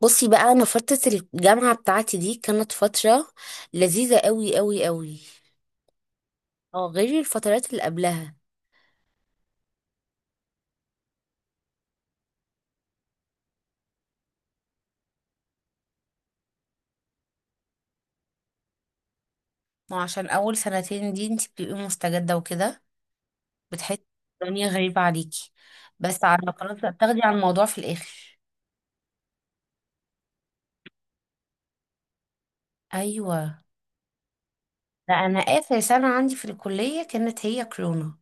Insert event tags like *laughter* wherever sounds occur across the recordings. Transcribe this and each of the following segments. بصي بقى، انا فترة الجامعة بتاعتي دي كانت فترة لذيذة قوي قوي قوي. اه، غير الفترات اللي قبلها. ما هو عشان اول سنتين دي انت بتبقي مستجدة وكده، بتحسي الدنيا غريبة عليكي. بس على خلاص بقى، بتاخدي على الموضوع في الاخر. ايوه. لا، انا اخر سنة عندي في الكلية كانت هي كورونا.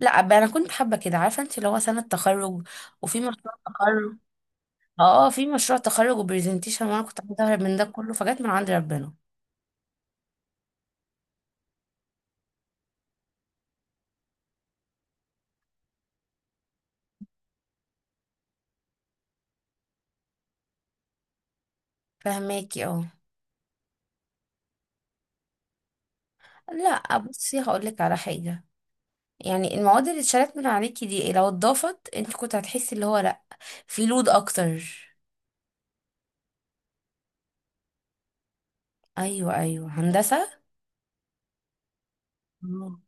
لا بقى، انا كنت حابة كده عارفة انت اللي هو سنة تخرج وفي مشروع تخرج. اه في مشروع تخرج وبرزنتيشن وانا كنت عايزة اهرب من ده كله، فجت من عند ربنا. فهماكي اه. لا بصي، هقول لك على حاجه. يعني المواد اللي اتشالت من عليكي دي لو اتضافت انت كنت هتحسي اللي هو لا، في لود اكتر. ايوه ايوه، هندسه. اه.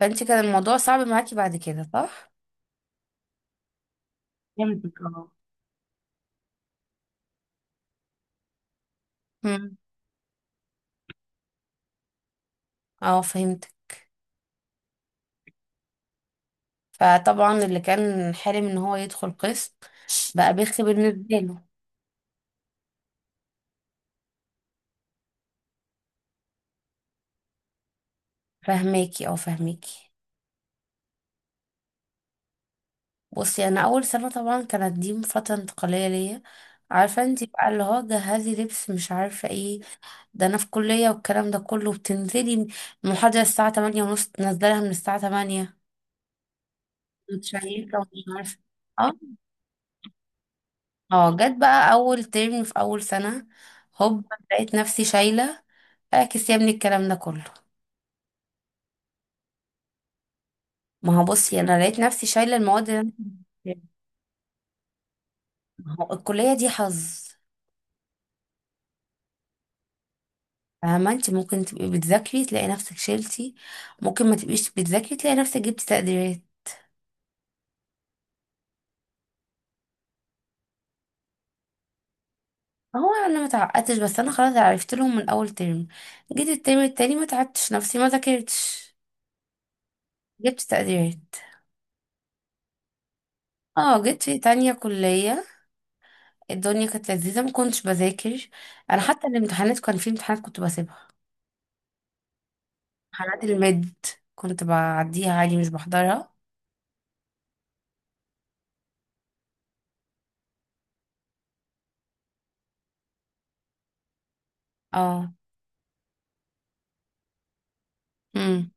فانت كان الموضوع صعب معاكي بعد كده صح؟ فهمتك اه. مم. اه فهمت. فطبعا اللي كان حلم ان هو يدخل قسم بقى بيخي بالنسبه له. فهماكي، او فهماكي. بصي، انا اول سنه طبعا كانت دي فتره انتقاليه ليا. عارفه انت بقى اللي هو جهزي لبس مش عارفه ايه. ده انا في كلية والكلام ده كله، بتنزلي المحاضرة الساعة 8 ونص تنزلها من الساعة 8، متشيكة ومش عارفة. اه اه جت بقى اول ترم في اول سنة، هوب لقيت نفسي شايلة. اعكس يا ابني الكلام ده كله. ما هو بصي، انا لقيت نفسي شايلة المواد اللي كنت- ما هو الكلية دي حظ. فاهمة انت؟ ممكن تبقي بتذاكري تلاقي نفسك شلتي، ممكن ما تبقيش بتذاكري تلاقي نفسك جبتي تقديرات. هو انا ما تعقدتش، بس انا خلاص عرفت لهم من اول ترم. جيت الترم التاني ما تعبتش نفسي، ما ذاكرتش، جبت تقديرات. اه جيت في تانية كلية، الدنيا كانت لذيذة، ما كنتش بذاكر. انا حتى الامتحانات، كان في امتحانات كنت بسيبها. امتحانات المد كنت بعديها عادي، مش بحضرها. اه. امم.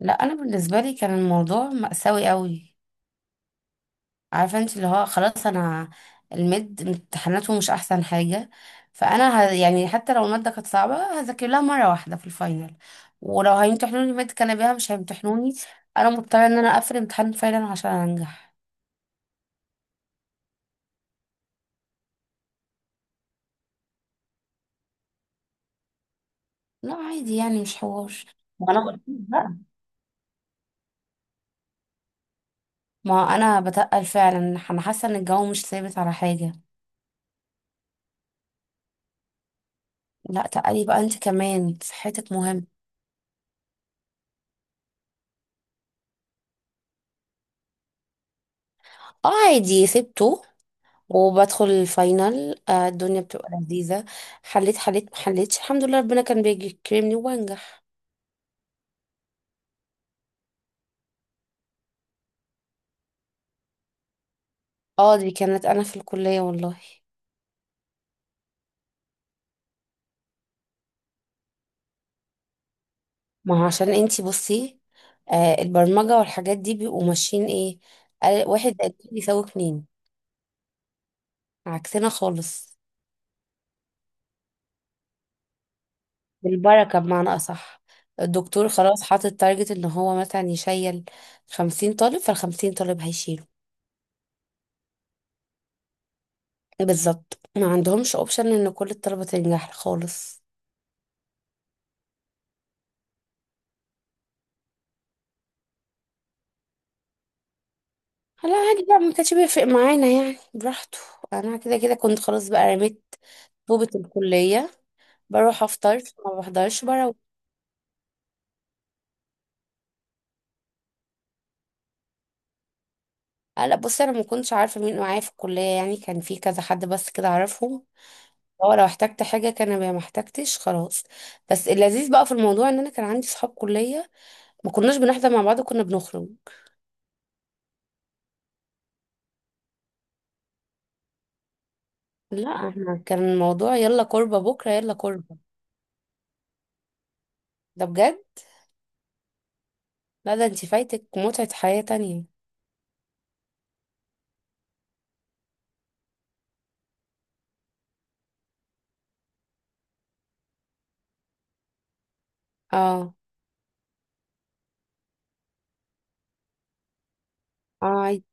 لا انا بالنسبة لي كان الموضوع مأساوي قوي. عارفه انت اللي هو خلاص، انا المد امتحاناته مش احسن حاجه. يعني حتى لو الماده كانت صعبه، هذاكر لها مره واحده في الفاينل. ولو هيمتحنوني ماده كان بيها، مش هيمتحنوني. انا مضطره ان انا اقفل امتحان الفاينل عشان انجح. لا عادي، يعني مش حوار. ما انا بقول بقى، ما انا بتقل فعلا. انا حاسه ان الجو مش ثابت على حاجه. لا تقلي بقى، انت كمان صحتك مهم. اه عادي سبته، وبدخل الفاينل. الدنيا بتبقى لذيذة. حليت ما حليتش، الحمد لله ربنا كان بيكرمني وبنجح. اه دي كانت انا في الكلية والله. ما هو عشان انتي بصي، البرمجة والحاجات دي بيبقوا ماشيين ايه، واحد زائد اتنين يساوي اتنين. عكسنا خالص. بالبركة بمعنى أصح. الدكتور خلاص حاطط تارجت ان هو مثلا يشيل خمسين طالب، فالخمسين طالب هيشيله. بالظبط، ما عندهمش اوبشن ان كل الطلبة تنجح خالص. لا عادي بقى، ما كانش بيفرق معانا يعني، براحته. انا كده كده كنت خلاص بقى رميت طوبة الكلية، بروح افطر، ما بحضرش بروح. لا بصي، انا ما كنتش عارفة مين معايا في الكلية، يعني كان في كذا حد بس كده اعرفهم. هو لو احتجت حاجة كان بيها، ما احتجتش خلاص. بس اللذيذ بقى في الموضوع ان انا كان عندي صحاب كلية، ما كناش بنحضر مع بعض، كنا بنخرج. لا احنا كان الموضوع يلا كوربة، بكرة يلا كوربة. ده بجد. لا ده انت فايتك متعة حياة تانية. اه. اه عادي.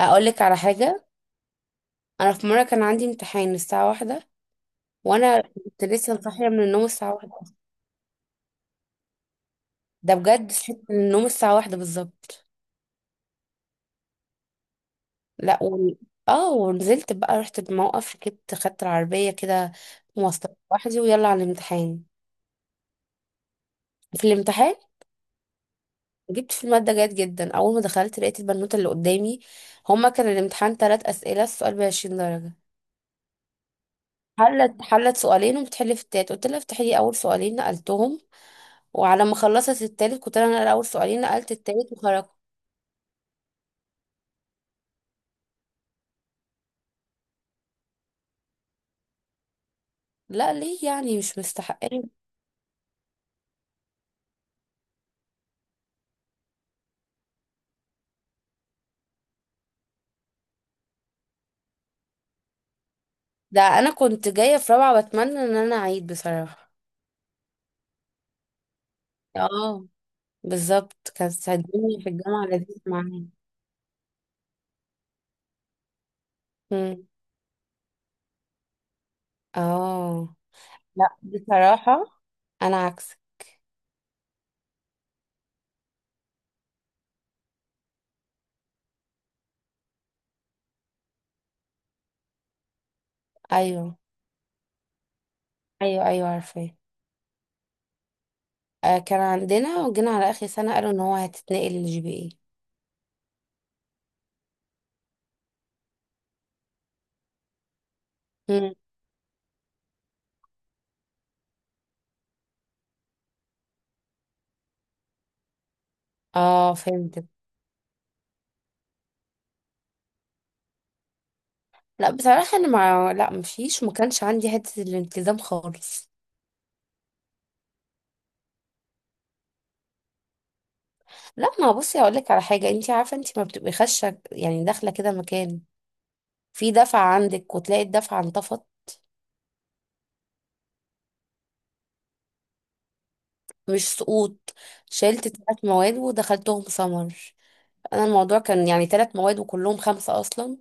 اقول لك على حاجة. انا في مره كان عندي امتحان الساعه واحدة، وانا كنت لسه صاحيه من النوم الساعه واحدة. ده بجد، صحيت من النوم الساعه واحدة بالظبط. لا و... اه ونزلت بقى، رحت الموقف ركبت خدت العربيه كده، مواصلات لوحدي ويلا على الامتحان. في الامتحان جبت في الماده جيد جدا. اول ما دخلت لقيت البنوته اللي قدامي، هما كان الامتحان ثلاث اسئله، السؤال ب 20 درجه. حلت حلت سؤالين وبتحل في التالت، قلت لها افتحي لي اول سؤالين نقلتهم. وعلى ما خلصت التالت كنت انا اقرا اول سؤالين، نقلت التالت وخرجت. لا ليه يعني؟ مش مستحقين. ده انا كنت جايه في رابعه بتمنى ان انا اعيد بصراحه. اه بالظبط، كانت الدنيا في الجامعه لذيذ معايا. مم. اه. لا بصراحه، انا عكسك. ايوه، ايوه عارفاه. آه كان عندنا، وجينا على اخر سنه قالوا ان هو هتتنقل للجي بي اي. مم. اه فهمت. لا بصراحه، انا ما لا مفيش، ما كانش عندي حته الالتزام خالص. لا ما بصي، هقول لك على حاجه. انت عارفه انت ما بتبقي خشه يعني داخله كده مكان، في دفعة عندك وتلاقي الدفعة انطفت. مش سقوط، شلت ثلاث مواد ودخلتهم سمر. انا الموضوع كان يعني ثلاث مواد وكلهم خمسة اصلا،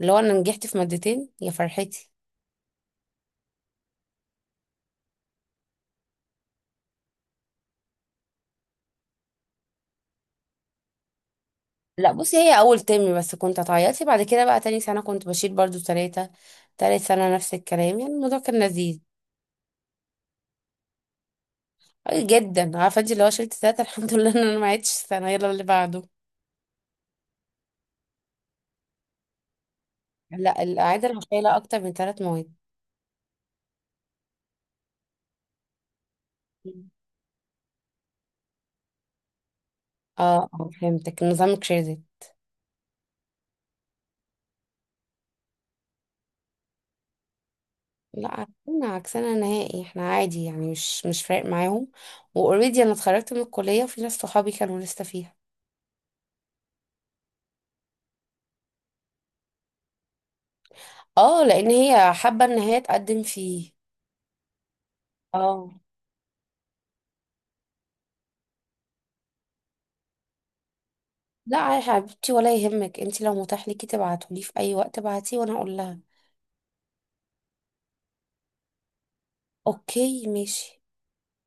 اللي هو انا نجحت في مادتين يا فرحتي. لا بصي، هي اول ترم بس كنت اتعيطي، بعد كده بقى تاني سنة كنت بشيل برضو ثلاثة، تالت سنة نفس الكلام، يعني الموضوع كان لذيذ. أي جدا، عارفة انت اللي هو شلت ثلاثة *laughs* الحمد لله ان انا ما عدتش السنة يلا اللي بعده. لا الإعادة أنا شايلة أكتر من ثلاث مواد. اه فهمتك، نظام كريدت. لا عكسنا، عكسنا نهائي، احنا عادي يعني، مش فارق معاهم. واوريدي انا اتخرجت من الكلية وفي ناس صحابي كانوا لسه فيها. اه لان هي حابة ان هي تقدم فيه. اه. لا يا حبيبتي، ولا يهمك، انت لو متاح ليكي تبعتولي في اي وقت ابعتيه وانا اقول لها. اوكي ماشي.